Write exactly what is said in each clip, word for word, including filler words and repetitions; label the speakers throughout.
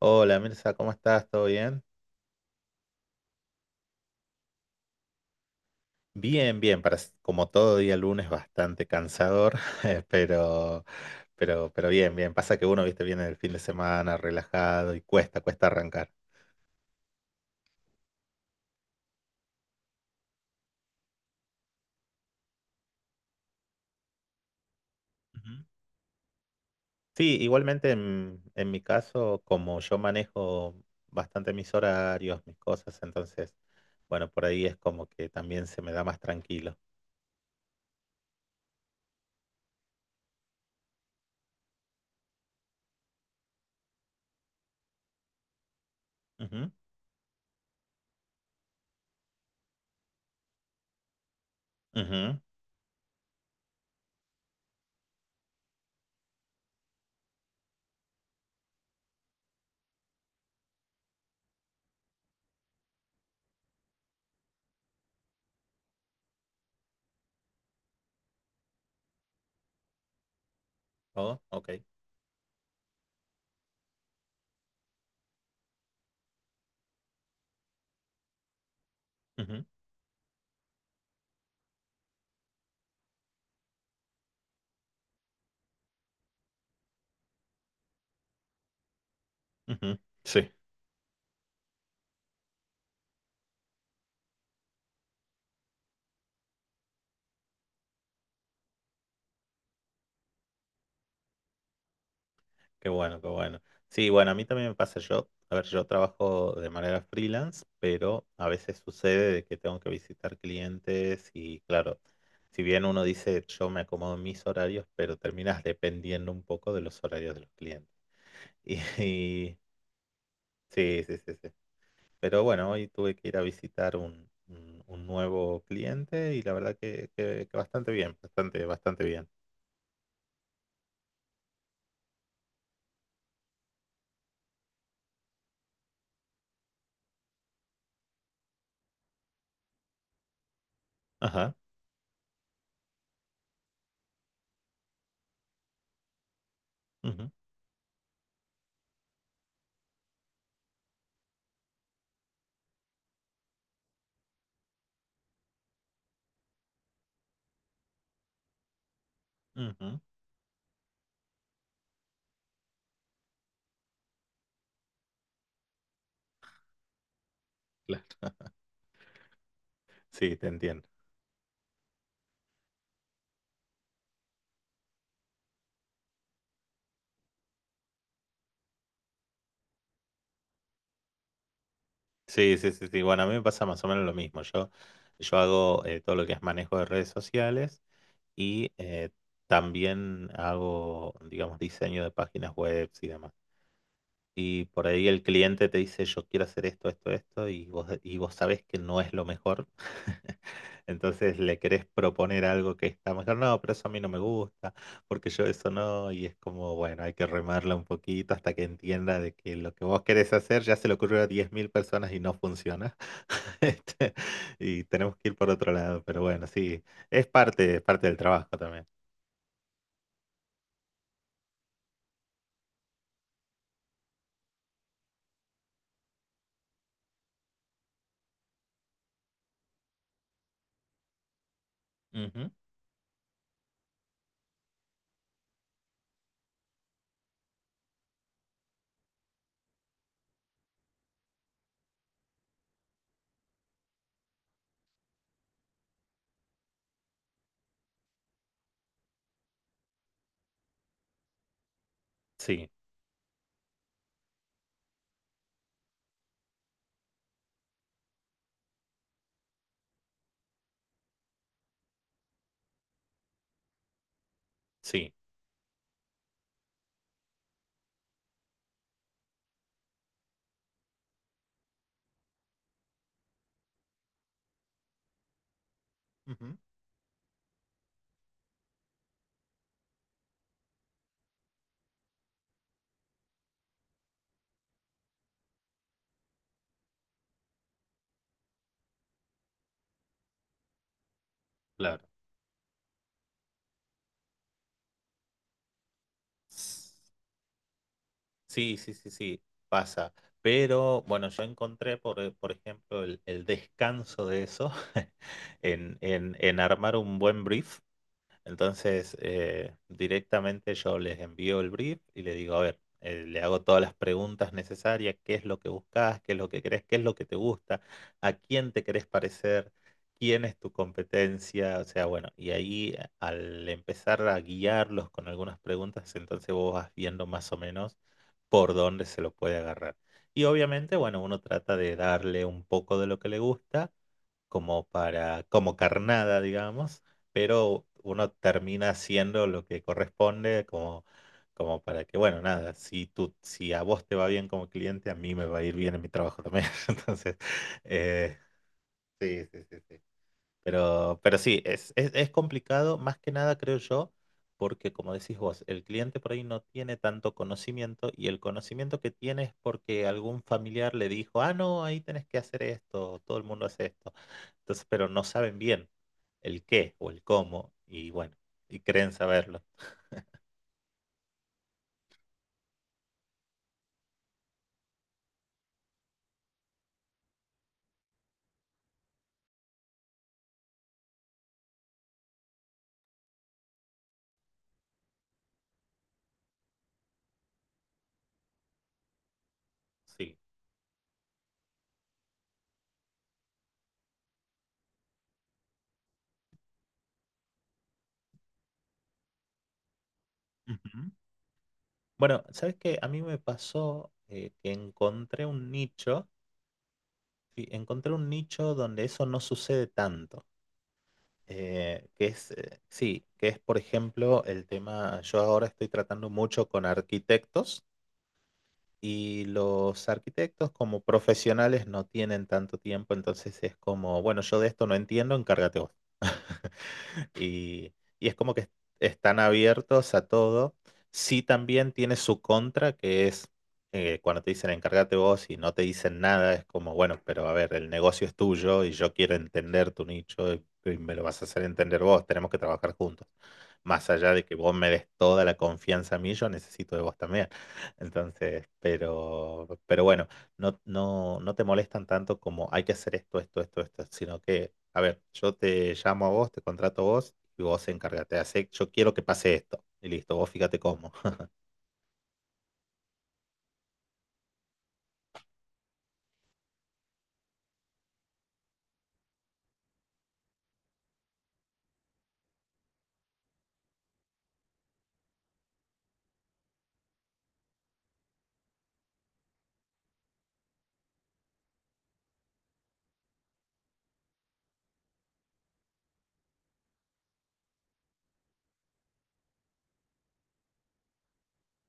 Speaker 1: Hola Mirza, ¿cómo estás? ¿Todo bien? Bien, bien, para, s- como todo día lunes bastante cansador, eh, pero, pero, pero bien, bien. Pasa que uno, viste, viene el fin de semana relajado y cuesta, cuesta arrancar. Ujú. Sí, igualmente en, en mi caso, como yo manejo bastante mis horarios, mis cosas, entonces, bueno, por ahí es como que también se me da más tranquilo. Ujú, ujú. Oh, OK. Ujú, ujú. Sí. Qué bueno, qué bueno. Sí, bueno, a mí también me pasa yo. A ver, yo trabajo de manera freelance, pero a veces sucede de que tengo que visitar clientes y claro, si bien uno dice yo me acomodo en mis horarios, pero terminas dependiendo un poco de los horarios de los clientes. Y, y- sí, sí, sí, sí. Pero bueno, hoy tuve que ir a visitar un, un- un nuevo cliente y la verdad que, que- que bastante bien, bastante, bastante bien. Ajá. Ujú, ujú, claro. Sí, te entiendo. Sí, sí, sí, sí. Bueno, a mí me pasa más o menos lo mismo. Yo, yo hago eh, todo lo que es manejo de redes sociales y eh, también hago, digamos, diseño de páginas web y demás. Y por ahí el cliente te dice, yo quiero hacer esto, esto, esto, y vos, y vos sabés que no es lo mejor. Entonces le querés proponer algo que está mejor. No, pero eso a mí no me gusta, porque yo eso no. Y es como, bueno, hay que remarla un poquito hasta que entienda de que lo que vos querés hacer ya se le ocurrió a diez mil personas y no funciona. Este, y tenemos que ir por otro lado. Pero bueno, sí, es parte, es parte del trabajo también. Ujú. Sí, sí. Ujú. Claro. Sí, sí, sí, sí, pasa. Pero bueno, yo encontré, por, por ejemplo, el, el descanso de eso en, en, en armar un buen brief. Entonces, eh, directamente yo les envío el brief y le digo, a ver, eh, le hago todas las preguntas necesarias, qué es lo que buscas, qué es lo que crees, qué es lo que te gusta, a quién te querés parecer, quién es tu competencia. O sea, bueno, y ahí eh, al empezar a guiarlos con algunas preguntas, entonces vos vas viendo más o menos por dónde se lo puede agarrar. Y obviamente, bueno, uno trata de darle un poco de lo que le gusta como para, como carnada, digamos, pero uno termina haciendo lo que corresponde como, como para que, bueno, nada, si tú, si a vos te va bien como cliente, a mí me va a ir bien en mi trabajo también. Entonces, eh, sí, sí, sí, sí. Pero, pero sí, es, es, es complicado, más que nada creo yo, porque como decís vos, el cliente por ahí no tiene tanto conocimiento y el conocimiento que tiene es porque algún familiar le dijo, ah, no, ahí tenés que hacer esto, todo el mundo hace esto. Entonces, pero no saben bien el qué o el cómo y bueno, y creen saberlo. Sí. Ujú. Bueno, ¿sabes qué? A mí me pasó eh, que encontré un nicho, sí, encontré un nicho donde eso no sucede tanto. eh, que es, eh, sí, que es por ejemplo el tema, yo ahora estoy tratando mucho con arquitectos. Y los arquitectos como profesionales no tienen tanto tiempo, entonces es como, bueno, yo de esto no entiendo, encárgate vos. Y, y es como que est- están abiertos a todo. Sí también tiene su contra, que es eh, cuando te dicen encárgate vos y no te dicen nada, es como, bueno, pero a ver, el negocio es tuyo y yo quiero entender tu nicho y, y me lo vas a hacer entender vos, tenemos que trabajar juntos. Más allá de que vos me des toda la confianza a mí, yo necesito de vos también. Entonces, pero, pero bueno, no, no, no te molestan tanto como hay que hacer esto, esto, esto, esto, sino que, a ver, yo te llamo a vos, te contrato a vos y vos encárgate de hacer, yo quiero que pase esto. Y listo, vos fíjate cómo.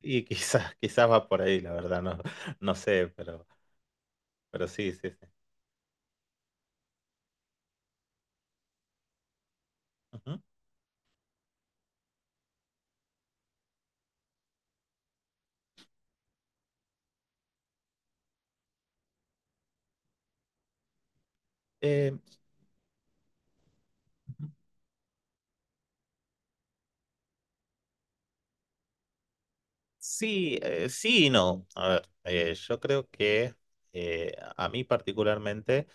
Speaker 1: Y quizás, quizás va por ahí, la verdad, no, no sé, pero, pero sí, sí, sí. Ujú. Eh, sí, eh, sí y no. A ver, eh, yo creo que eh, a mí particularmente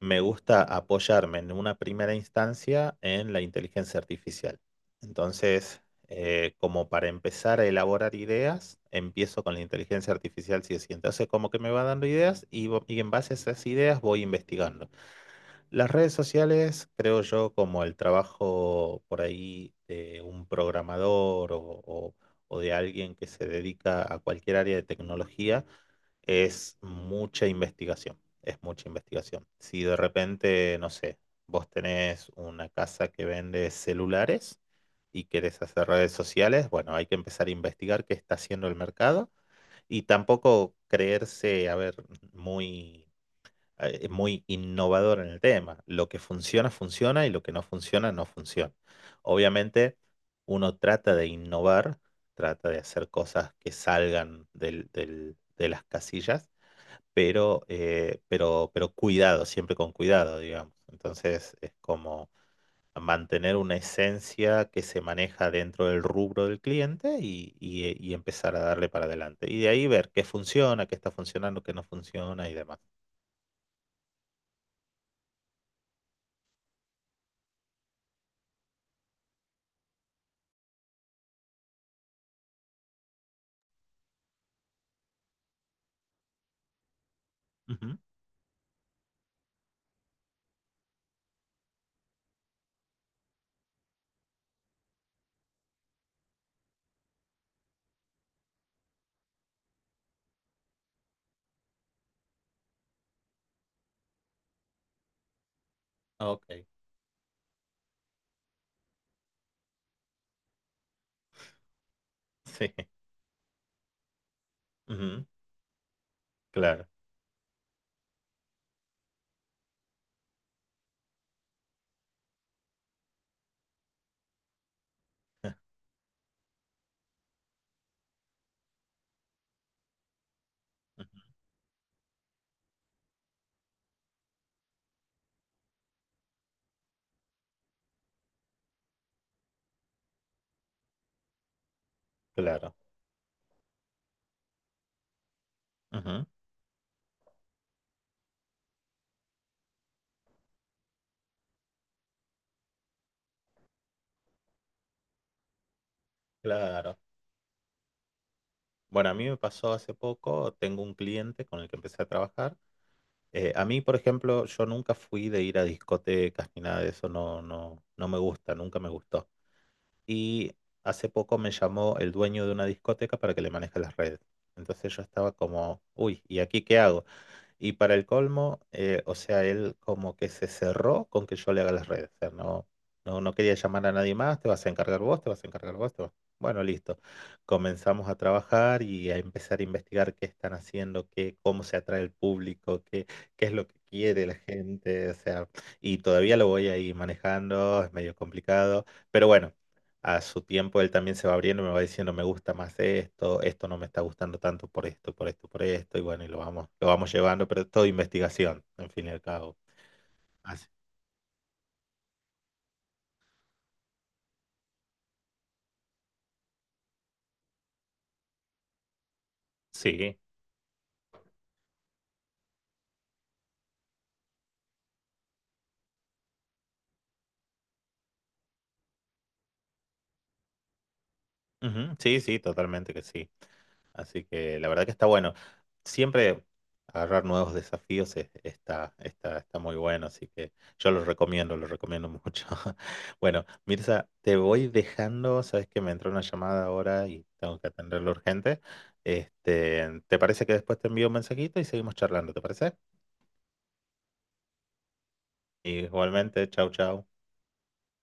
Speaker 1: me gusta apoyarme en una primera instancia en la inteligencia artificial. Entonces, eh, como para empezar a elaborar ideas, empiezo con la inteligencia artificial, sí o sí. Entonces, como que me va dando ideas y, vo- y en base a esas ideas voy investigando. Las redes sociales, creo yo, como el trabajo por ahí de un programador o o- o de alguien que se dedica a cualquier área de tecnología, es mucha investigación, es mucha investigación. Si de repente, no sé, vos tenés una casa que vende celulares y querés hacer redes sociales, bueno, hay que empezar a investigar qué está haciendo el mercado, y tampoco creerse, a ver, muy, eh, muy innovador en el tema. Lo que funciona, funciona, y lo que no funciona, no funciona. Obviamente, uno trata de innovar, trata de hacer cosas que salgan del- del- de las casillas, pero, eh, pero, pero cuidado, siempre con cuidado, digamos. Entonces es como mantener una esencia que se maneja dentro del rubro del cliente y, y- eh, y empezar a darle para adelante. Y de ahí ver qué funciona, qué está funcionando, qué no funciona y demás. Ujú. OK, sí. Ujú. Claro. Ujú. Claro. Ujú. Claro. Bueno, a mí me pasó hace poco, tengo un cliente con el que empecé a trabajar. Eh, a mí, por ejemplo, yo nunca fui de ir a discotecas ni nada de eso, no, no, no me gusta, nunca me gustó. Y hace poco me llamó el dueño de una discoteca para que le maneje las redes. Entonces yo estaba como, uy, ¿y aquí qué hago? Y para el colmo, eh, o sea, él como que se cerró con que yo le haga las redes. O sea, no, no, no quería llamar a nadie más, te vas a encargar vos, te vas a encargar vos, te vas- bueno, listo. Comenzamos a trabajar y a empezar a investigar qué están haciendo, qué, cómo se atrae el público, qué, qué es lo que quiere la gente. O sea, y todavía lo voy ahí manejando, es medio complicado. Pero bueno, a su tiempo él también se va abriendo, y me va diciendo, me gusta más esto, esto no me está gustando tanto por esto, por esto, por esto, y bueno, y lo vamos, lo vamos llevando, pero es todo investigación, en fin y al cabo. Así. Sí. Ujú. Sí, sí, totalmente que sí. Así que la verdad que está bueno. Siempre agarrar nuevos desafíos es- está, está, está muy bueno, así que yo lo recomiendo, lo recomiendo mucho. Bueno, Mirza, te voy dejando, sabes que me entró una llamada ahora y tengo que atenderlo urgente. Este, ¿te parece que después te envío un mensajito y seguimos charlando? ¿Te parece? Igualmente, chau, chau.